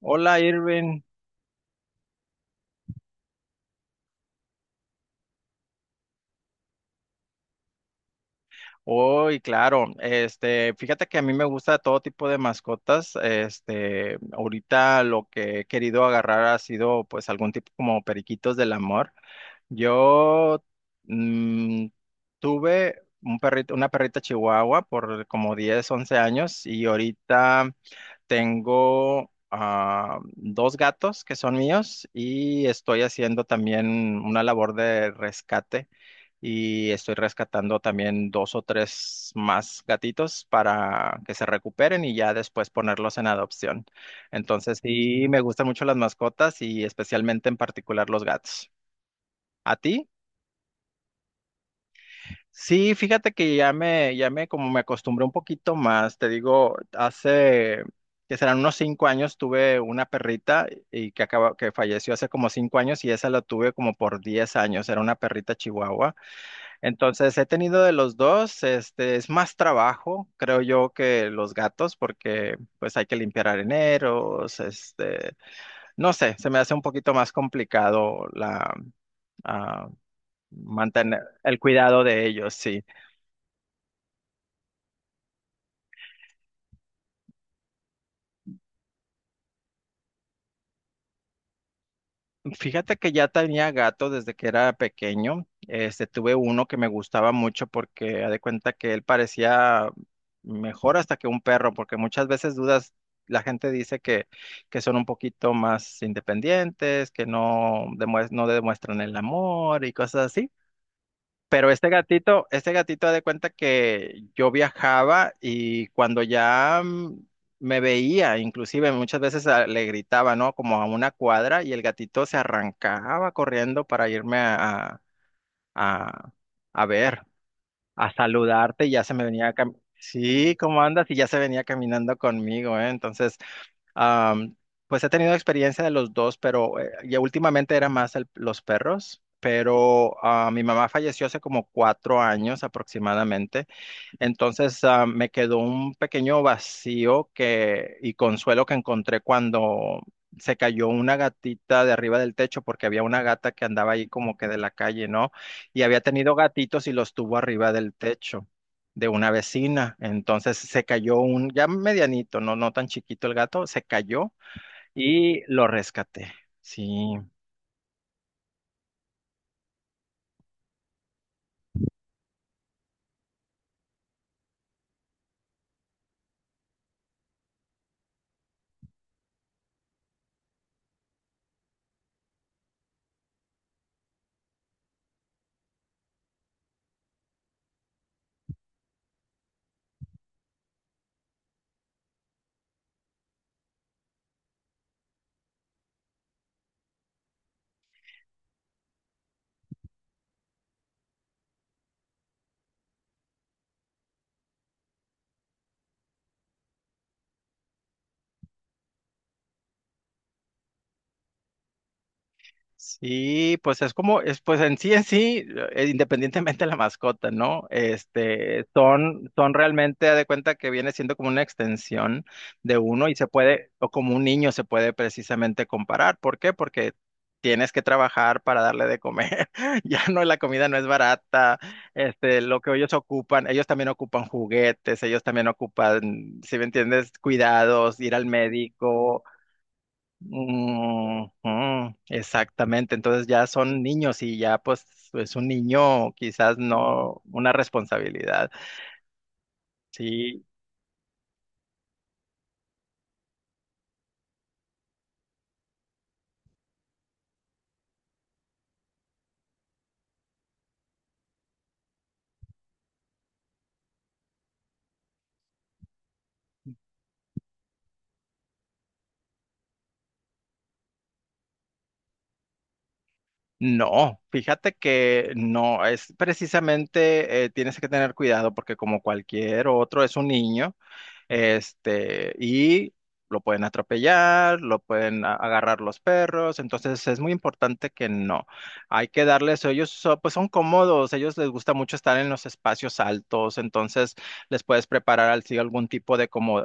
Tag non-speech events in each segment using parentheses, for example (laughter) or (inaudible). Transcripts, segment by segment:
Hola Irving. Hoy, claro, este, fíjate que a mí me gusta todo tipo de mascotas. Este, ahorita lo que he querido agarrar ha sido pues algún tipo como periquitos del amor. Yo mm, tuve un perrito, una perrita chihuahua por como 10, 11 años y ahorita tengo dos gatos que son míos y estoy haciendo también una labor de rescate y estoy rescatando también dos o tres más gatitos para que se recuperen y ya después ponerlos en adopción. Entonces, sí, me gustan mucho las mascotas y especialmente en particular los gatos. ¿A ti? Sí, fíjate que ya me, como me acostumbré un poquito más, te digo, hace, que serán unos 5 años, tuve una perrita y que acaba, que falleció hace como 5 años y esa la tuve como por 10 años, era una perrita chihuahua. Entonces, he tenido de los dos, este, es más trabajo, creo yo, que los gatos, porque pues hay que limpiar areneros, este, no sé, se me hace un poquito más complicado la, ah, mantener el cuidado de ellos, sí. Fíjate que ya tenía gato desde que era pequeño. Este, tuve uno que me gustaba mucho porque haz de cuenta que él parecía mejor hasta que un perro, porque muchas veces dudas, la gente dice que, son un poquito más independientes, que no, no demuestran el amor y cosas así. Pero este gatito de cuenta que yo viajaba y cuando ya me veía, inclusive muchas veces le gritaba, ¿no? Como a una cuadra y el gatito se arrancaba corriendo para irme a, a, ver, a saludarte y ya se me venía, sí, ¿cómo andas? Y ya se venía caminando conmigo, ¿eh? Entonces Am, pues he tenido experiencia de los dos, pero ya últimamente era más los perros, pero mi mamá falleció hace como 4 años aproximadamente. Entonces, me quedó un pequeño vacío que, y consuelo que encontré cuando se cayó una gatita de arriba del techo, porque había una gata que andaba ahí como que de la calle, ¿no? Y había tenido gatitos y los tuvo arriba del techo de una vecina. Entonces se cayó un, ya medianito, no, no tan chiquito el gato, se cayó y lo rescaté. Sí. Sí, pues es como, es, pues en sí, independientemente de la mascota, ¿no? Este, son realmente, haz de cuenta que viene siendo como una extensión de uno y se puede, o como un niño se puede precisamente comparar. ¿Por qué? Porque tienes que trabajar para darle de comer. (laughs) Ya no, la comida no es barata. Este, lo que ellos ocupan, ellos también ocupan juguetes, ellos también ocupan, si me entiendes, cuidados, ir al médico. Ujú, exactamente, entonces ya son niños y ya pues es un niño quizás no una responsabilidad. Sí, no, fíjate que no, es precisamente tienes que tener cuidado porque como cualquier otro es un niño. Este, y lo pueden atropellar, lo pueden agarrar los perros, entonces es muy importante que no. Hay que darles, ellos pues son cómodos, ellos les gusta mucho estar en los espacios altos, entonces les puedes preparar así algún tipo de como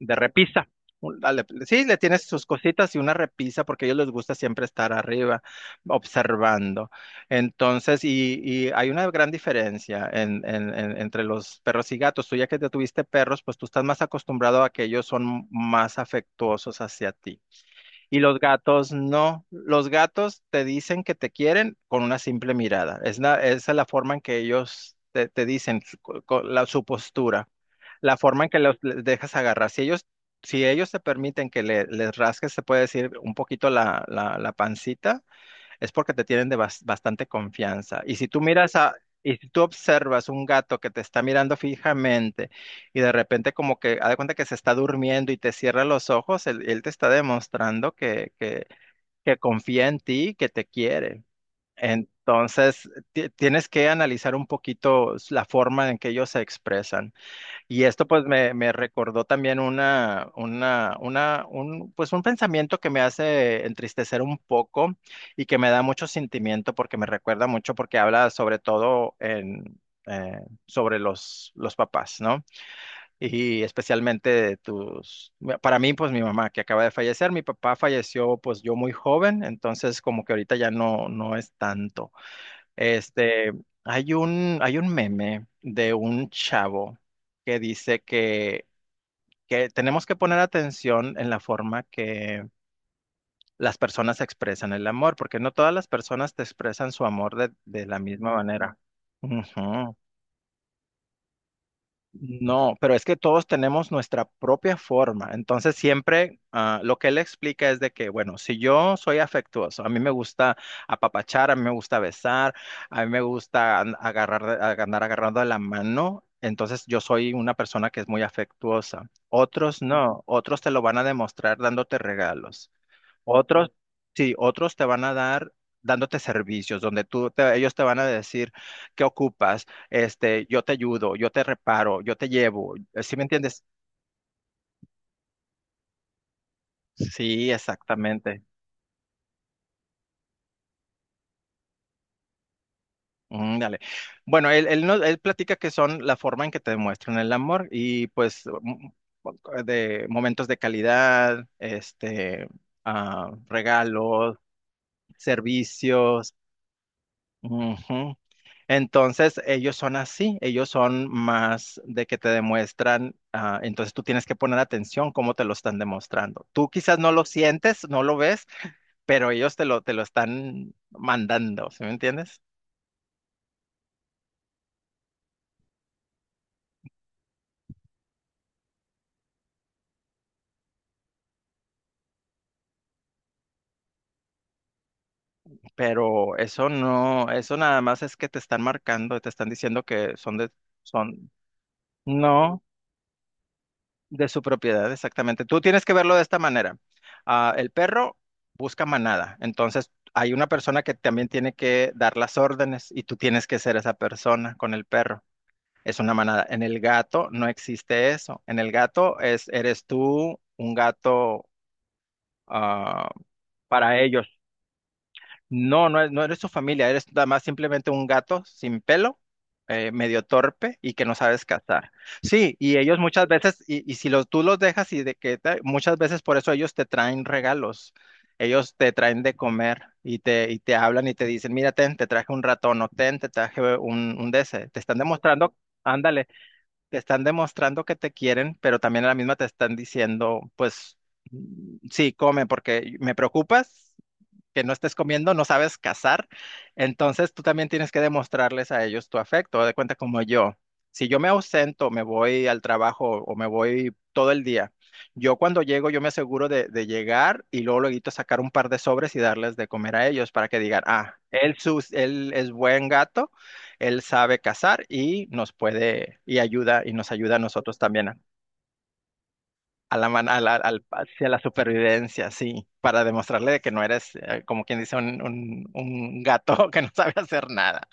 de repisa. Dale, sí, le tienes sus cositas y una repisa porque a ellos les gusta siempre estar arriba observando. Entonces, y hay una gran diferencia entre los perros y gatos. Tú ya que te tuviste perros, pues tú estás más acostumbrado a que ellos son más afectuosos hacia ti. Y los gatos no. Los gatos te dicen que te quieren con una simple mirada. Es esa es la forma en que ellos te dicen su postura, la forma en que los les dejas agarrar. Si ellos te permiten que les rasques, se puede decir un poquito la pancita, es porque te tienen de bastante confianza. Y si tú miras a, y si tú observas un gato que te está mirando fijamente y de repente como que, haz de cuenta que se está durmiendo y te cierra los ojos, él te está demostrando que confía en ti, que te quiere. Entonces, tienes que analizar un poquito la forma en que ellos se expresan. Y esto pues me recordó también un, pues un pensamiento que me hace entristecer un poco y que me da mucho sentimiento porque me recuerda mucho porque habla sobre todo eh, sobre los papás, ¿no? Y especialmente para mí pues mi mamá que acaba de fallecer, mi papá falleció pues yo muy joven, entonces como que ahorita ya no, no es tanto. Este, hay un, meme de un chavo que dice que tenemos que poner atención en la forma que las personas expresan el amor, porque no todas las personas te expresan su amor de la misma manera. Ujú. No, pero es que todos tenemos nuestra propia forma. Entonces siempre lo que él explica es de que, bueno, si yo soy afectuoso, a mí me gusta apapachar, a mí me gusta besar, a mí me gusta agarrar, andar agarrando de la mano, entonces yo soy una persona que es muy afectuosa. Otros no, otros te lo van a demostrar dándote regalos. Otros, sí, otros te van a dar dándote servicios donde tú ellos te van a decir qué ocupas, este, yo te ayudo, yo te reparo, yo te llevo. ¿Sí me entiendes? Sí, exactamente. Mm, dale. Bueno, él, no- él platica que son la forma en que te demuestran el amor y pues de momentos de calidad, este, regalos, servicios. Ujú. Entonces, ellos son así, ellos son más de que te demuestran, entonces tú tienes que poner atención cómo te lo están demostrando. Tú quizás no lo sientes, no lo ves, pero ellos te lo están mandando, ¿sí me entiendes? Pero eso no, eso nada más es que te están marcando, te están diciendo que son de, son, no, de su propiedad, exactamente. Tú tienes que verlo de esta manera. Ah, el perro busca manada, entonces hay una persona que también tiene que dar las órdenes y tú tienes que ser esa persona con el perro. Es una manada. En el gato no existe eso. En el gato eres tú un gato ah, para ellos. No, no, no eres su familia, eres nada más simplemente un gato sin pelo, medio torpe y que no sabes cazar. Sí, y ellos muchas veces, y si los, tú los dejas y de que muchas veces por eso ellos te traen regalos, ellos te traen de comer y te hablan y te dicen, mira, ten, te traje un ratón o ten, te traje un de ese". Te están demostrando, ándale, te están demostrando que te quieren, pero también a la misma te están diciendo, pues, mm, sí, come porque me preocupas que no estés comiendo, no sabes cazar, entonces tú también tienes que demostrarles a ellos tu afecto, de cuenta como yo. Si yo me ausento, me voy al trabajo o me voy todo el día, yo cuando llego yo me aseguro de llegar y luego luego sacar un par de sobres y darles de comer a ellos para que digan, él es buen gato, él sabe cazar y nos puede y ayuda y nos ayuda a nosotros también a la, man- a la, al- hacia la supervivencia, sí, para demostrarle de que no eres, como quien dice, un gato (laughs) que no sabe hacer nada.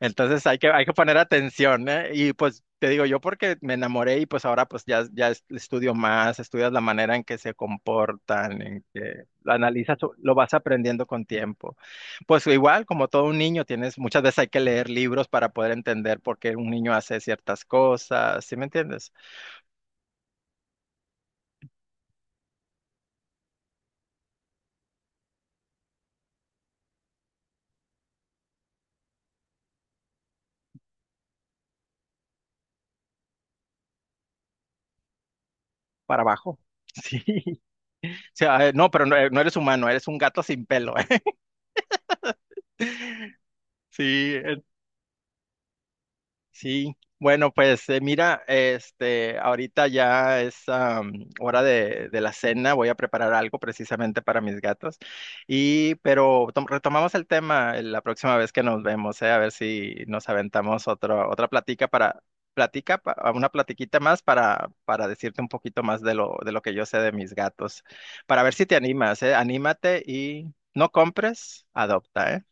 Entonces hay que, poner atención, ¿eh? Y pues te digo yo porque me enamoré y pues ahora pues estudio más, estudias la manera en que se comportan, en que lo analizas, o lo vas aprendiendo con tiempo. Pues igual, como todo un niño, tienes, muchas veces hay que leer libros para poder entender por qué un niño hace ciertas cosas, ¿sí me entiendes? Para abajo. (laughs) Sí. Sea, no, pero no, no eres humano, eres un gato sin pelo. (laughs) Sí, sí. Bueno, pues mira, este, ahorita ya es hora de la cena. Voy a preparar algo precisamente para mis gatos. Pero retomamos el tema la próxima vez que nos vemos, a ver si nos aventamos otro, otra platica para una platiquita más para, decirte un poquito más de lo que yo sé de mis gatos, para ver si te animas, anímate y no compres, adopta, ¿eh?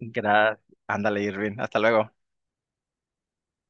Gracias. Ándale, Irving. Hasta luego.